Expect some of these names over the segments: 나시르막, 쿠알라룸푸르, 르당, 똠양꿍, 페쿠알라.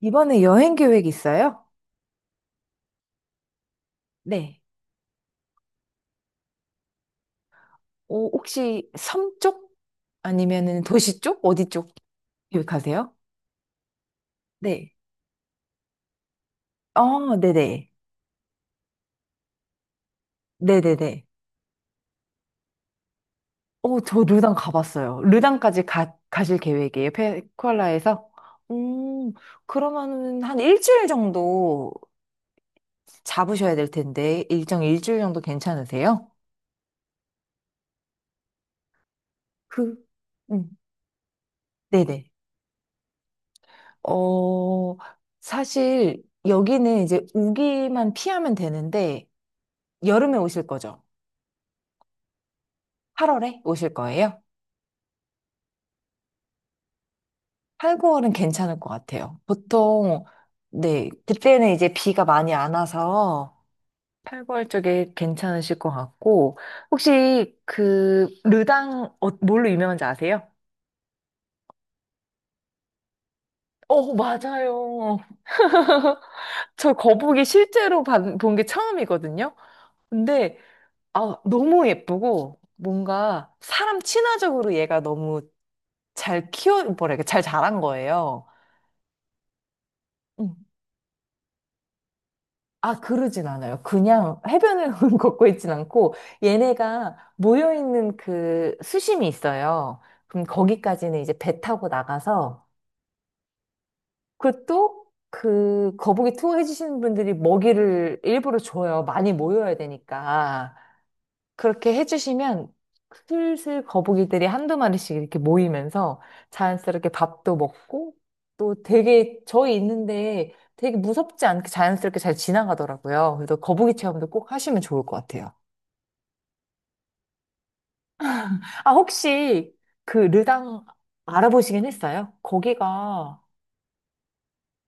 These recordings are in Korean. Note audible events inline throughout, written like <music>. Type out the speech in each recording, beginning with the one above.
이번에 여행 계획 있어요? 네. 오, 혹시 섬 쪽? 아니면은 도시 쪽? 어디 쪽 계획하세요? 네. 네네. 네네네. 저 르당 가봤어요. 르당까지 가실 계획이에요. 페쿠알라에서? 음, 그러면은 한 일주일 정도 잡으셔야 될 텐데, 일정 일주일 정도 괜찮으세요? 그, 음, 네네. 어, 사실 여기는 이제 우기만 피하면 되는데, 여름에 오실 거죠? 8월에 오실 거예요? 8, 9월은 괜찮을 것 같아요. 보통, 네, 그때는 이제 비가 많이 안 와서 8, 9월 쪽에 괜찮으실 것 같고, 혹시 그, 르당, 뭘로 유명한지 아세요? 어, 맞아요. <laughs> 저 거북이 실제로 본 게 처음이거든요. 근데 아, 너무 예쁘고 뭔가 사람 친화적으로 얘가 너무 잘 키워 뭐라 해잘 자란 거예요. 아, 그러진 않아요. 그냥 해변을 <laughs> 걷고 있진 않고, 얘네가 모여있는 그 수심이 있어요. 그럼 거기까지는 이제 배 타고 나가서, 그또 그 거북이 투어 해주시는 분들이 먹이를 일부러 줘요. 많이 모여야 되니까. 그렇게 해주시면 슬슬 거북이들이 한두 마리씩 이렇게 모이면서 자연스럽게 밥도 먹고 또 되게 저희 있는데 되게 무섭지 않게 자연스럽게 잘 지나가더라고요. 그래서 거북이 체험도 꼭 하시면 좋을 것 같아요. <laughs> 아, 혹시 그 르당 알아보시긴 했어요? 거기가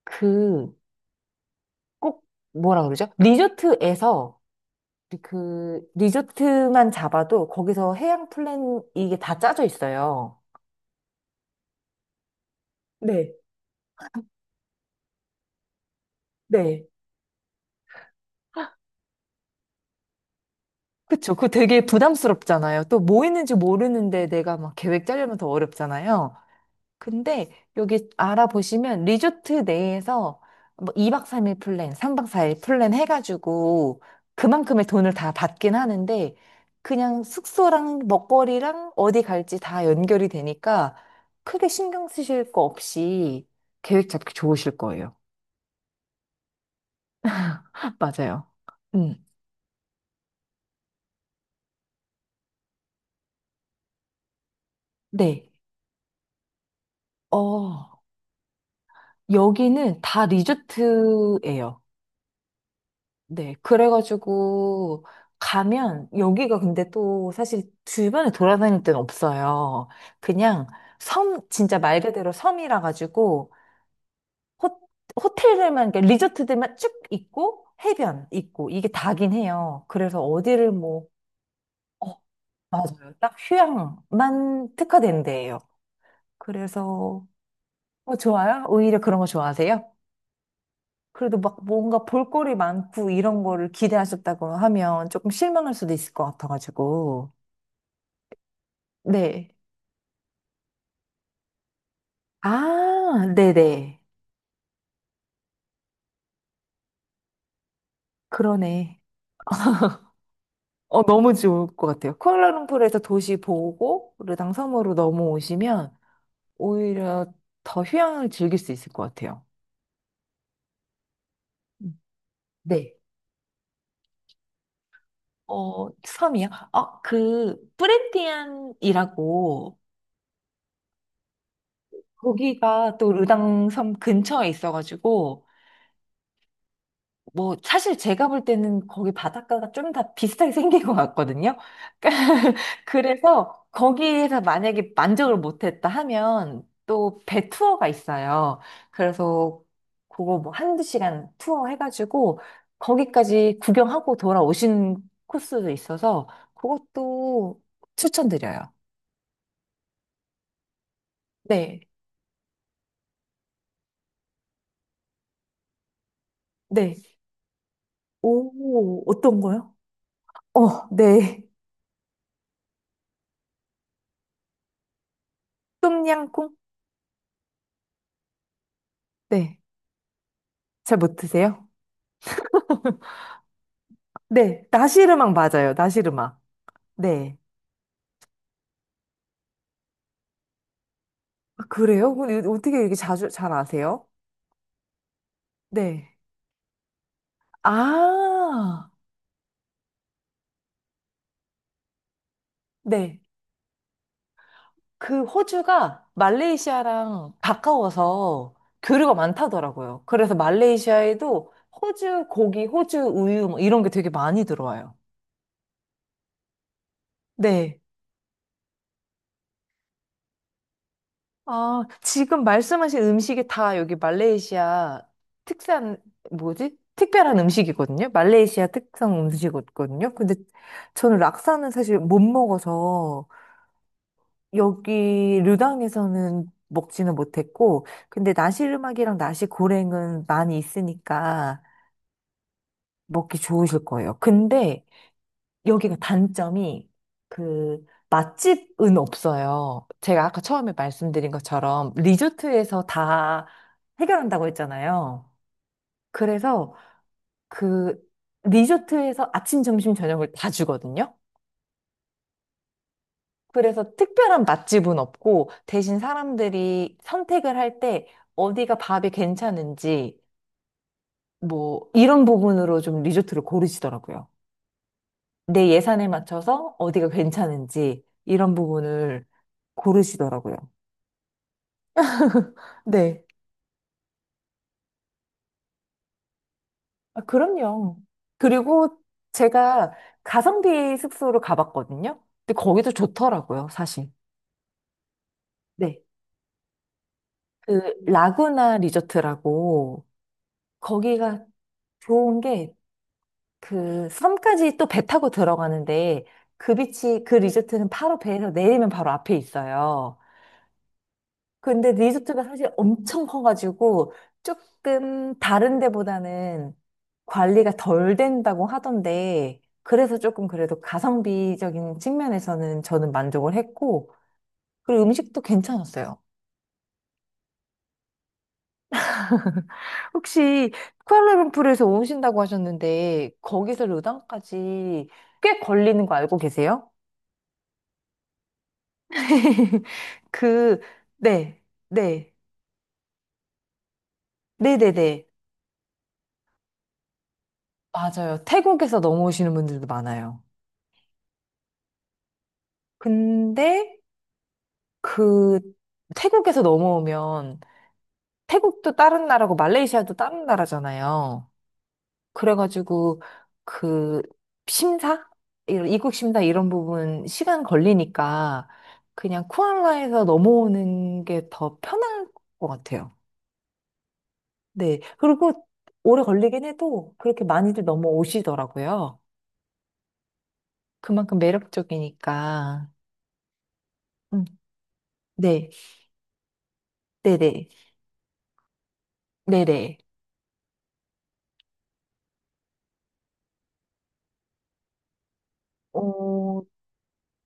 그 꼭 뭐라 그러죠? 리조트에서 그 리조트만 잡아도 거기서 해양 플랜 이게 다 짜져 있어요. 네. 네. 그쵸. 그거 되게 부담스럽잖아요. 또 뭐 있는지 모르는데 내가 막 계획 짜려면 더 어렵잖아요. 근데 여기 알아보시면 리조트 내에서 뭐 2박 3일 플랜, 3박 4일 플랜 해가지고 그만큼의 돈을 다 받긴 하는데 그냥 숙소랑 먹거리랑 어디 갈지 다 연결이 되니까 크게 신경 쓰실 거 없이 계획 잡기 좋으실 거예요. <laughs> 맞아요. 음, 네. 어, 여기는 다 리조트예요. 네, 그래가지고 가면 여기가 근데 또 사실 주변에 돌아다닐 데는 없어요. 그냥 섬, 진짜 말 그대로 섬이라 가지고 호, 호텔들만, 그러니까 리조트들만 쭉 있고 해변 있고 이게 다긴 해요. 그래서 어디를 뭐, 어, 맞아요. 딱 휴양만 특화된 데예요. 그래서 어, 좋아요? 오히려 그런 거 좋아하세요? 그래도 막 뭔가 볼거리 많고 이런 거를 기대하셨다고 하면 조금 실망할 수도 있을 것 같아가지고. 네. 아, 네네. 그러네. 어, 너무 좋을 것 같아요. 쿠알라룸푸르에서 도시 보고 르당 섬으로 넘어오시면 오히려 더 휴양을 즐길 수 있을 것 같아요. 음. 네. 어, 섬이요? 그, 뿌레티안이라고 거기가 또 르당 섬 근처에 있어가지고 뭐, 사실 제가 볼 때는 거기 바닷가가 좀 다 비슷하게 <laughs> 생긴 것 같거든요. <laughs> 그래서 거기에서 만약에 만족을 못했다 하면 또 배 투어가 있어요. 그래서 그거 뭐 한두 시간 투어 해가지고 거기까지 구경하고 돌아오신 코스도 있어서 그것도 추천드려요. 네, 네. 오, 어떤 거요? 어, 네. 똠양꿍? 네. 잘 못 드세요? <laughs> 네, 나시르막 맞아요. 나시르막. 네. 아, 그래요? 근데 어떻게 이렇게 자주 잘 아세요? 네. 아, 네. 그 호주가 말레이시아랑 가까워서 교류가 많다더라고요. 그래서 말레이시아에도 호주 고기, 호주 우유 뭐 이런 게 되게 많이 들어와요. 네. 아, 지금 말씀하신 음식이 다 여기 말레이시아 특산, 뭐지? 특별한 음식이거든요. 말레이시아 특성 음식이거든요. 근데 저는 락사는 사실 못 먹어서 여기 르당에서는 먹지는 못했고, 근데 나시르막이랑 나시고랭은 많이 있으니까 먹기 좋으실 거예요. 근데 여기가 단점이 그 맛집은 없어요. 제가 아까 처음에 말씀드린 것처럼 리조트에서 다 해결한다고 했잖아요. 그래서 그 리조트에서 아침, 점심, 저녁을 다 주거든요. 그래서 특별한 맛집은 없고 대신 사람들이 선택을 할 때 어디가 밥이 괜찮은지 뭐 이런 부분으로 좀 리조트를 고르시더라고요. 내 예산에 맞춰서 어디가 괜찮은지 이런 부분을 고르시더라고요. 네. 아, 그럼요. 그리고 제가 가성비 숙소로 가봤거든요. 근데 거기도 좋더라고요, 사실. 네. 그 라구나 리조트라고 거기가 좋은 게 그 섬까지 또 배 타고 들어가는데 그 비치 그 리조트는 바로 배에서 내리면 바로 앞에 있어요. 근데 리조트가 사실 엄청 커가지고 조금 다른 데보다는 관리가 덜 된다고 하던데 그래서 조금 그래도 가성비적인 측면에서는 저는 만족을 했고 그리고 음식도 괜찮았어요. 혹시 쿠알라룸푸르에서 오신다고 하셨는데 거기서 르당까지 꽤 걸리는 거 알고 계세요? <laughs> 그, 네, 네, 네네네. 맞아요. 태국에서 넘어오시는 분들도 많아요. 근데 그 태국에서 넘어오면 태국도 다른 나라고 말레이시아도 다른 나라잖아요. 그래가지고 그 심사? 이런 입국 심사 이런 부분 시간 걸리니까 그냥 쿠알라에서 넘어오는 게 더 편할 것 같아요. 네. 그리고 오래 걸리긴 해도 그렇게 많이들 넘어오시더라고요. 그만큼 매력적이니까. 음, 네. 네네. 네네. 어,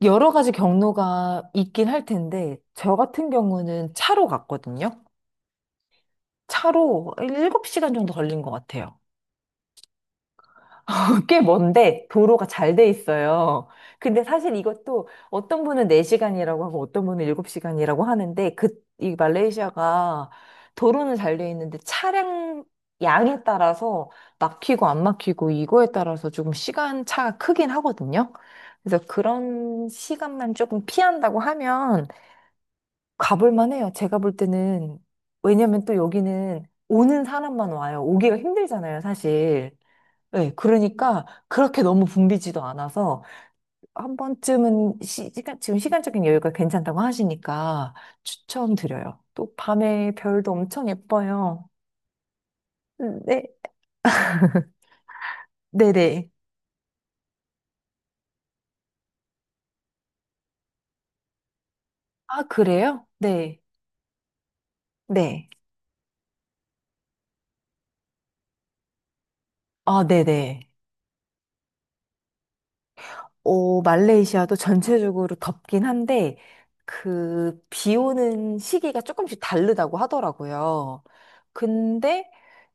여러 가지 경로가 있긴 할 텐데, 저 같은 경우는 차로 갔거든요. 차로 7시간 정도 걸린 것 같아요. <laughs> 꽤 먼데 도로가 잘 돼 있어요. 근데 사실 이것도 어떤 분은 4시간이라고 하고 어떤 분은 7시간이라고 하는데, 그, 이 말레이시아가 도로는 잘 돼 있는데 차량 양에 따라서 막히고 안 막히고 이거에 따라서 조금 시간 차가 크긴 하거든요. 그래서 그런 시간만 조금 피한다고 하면 가볼 만해요. 제가 볼 때는. 왜냐면 또 여기는 오는 사람만 와요. 오기가 힘들잖아요, 사실. 네, 그러니까 그렇게 너무 붐비지도 않아서 한 번쯤은 간 지금 시간적인 여유가 괜찮다고 하시니까 추천드려요. 또 밤에 별도 엄청 예뻐요. 네, 네네. 아, 그래요? 네, 네. 아, 네네. 오, 말레이시아도 전체적으로 덥긴 한데, 그, 비 오는 시기가 조금씩 다르다고 하더라고요. 근데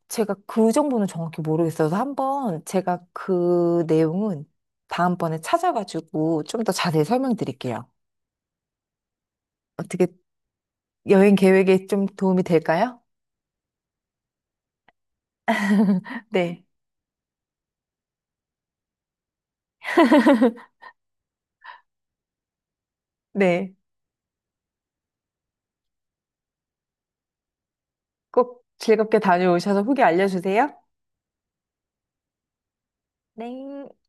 제가 그 정보는 정확히 모르겠어서 한번 제가 그 내용은 다음번에 찾아가지고 좀 더 자세히 설명드릴게요. 어떻게 여행 계획에 좀 도움이 될까요? 네. 네. 꼭 즐겁게 다녀오셔서 후기 알려주세요. 네.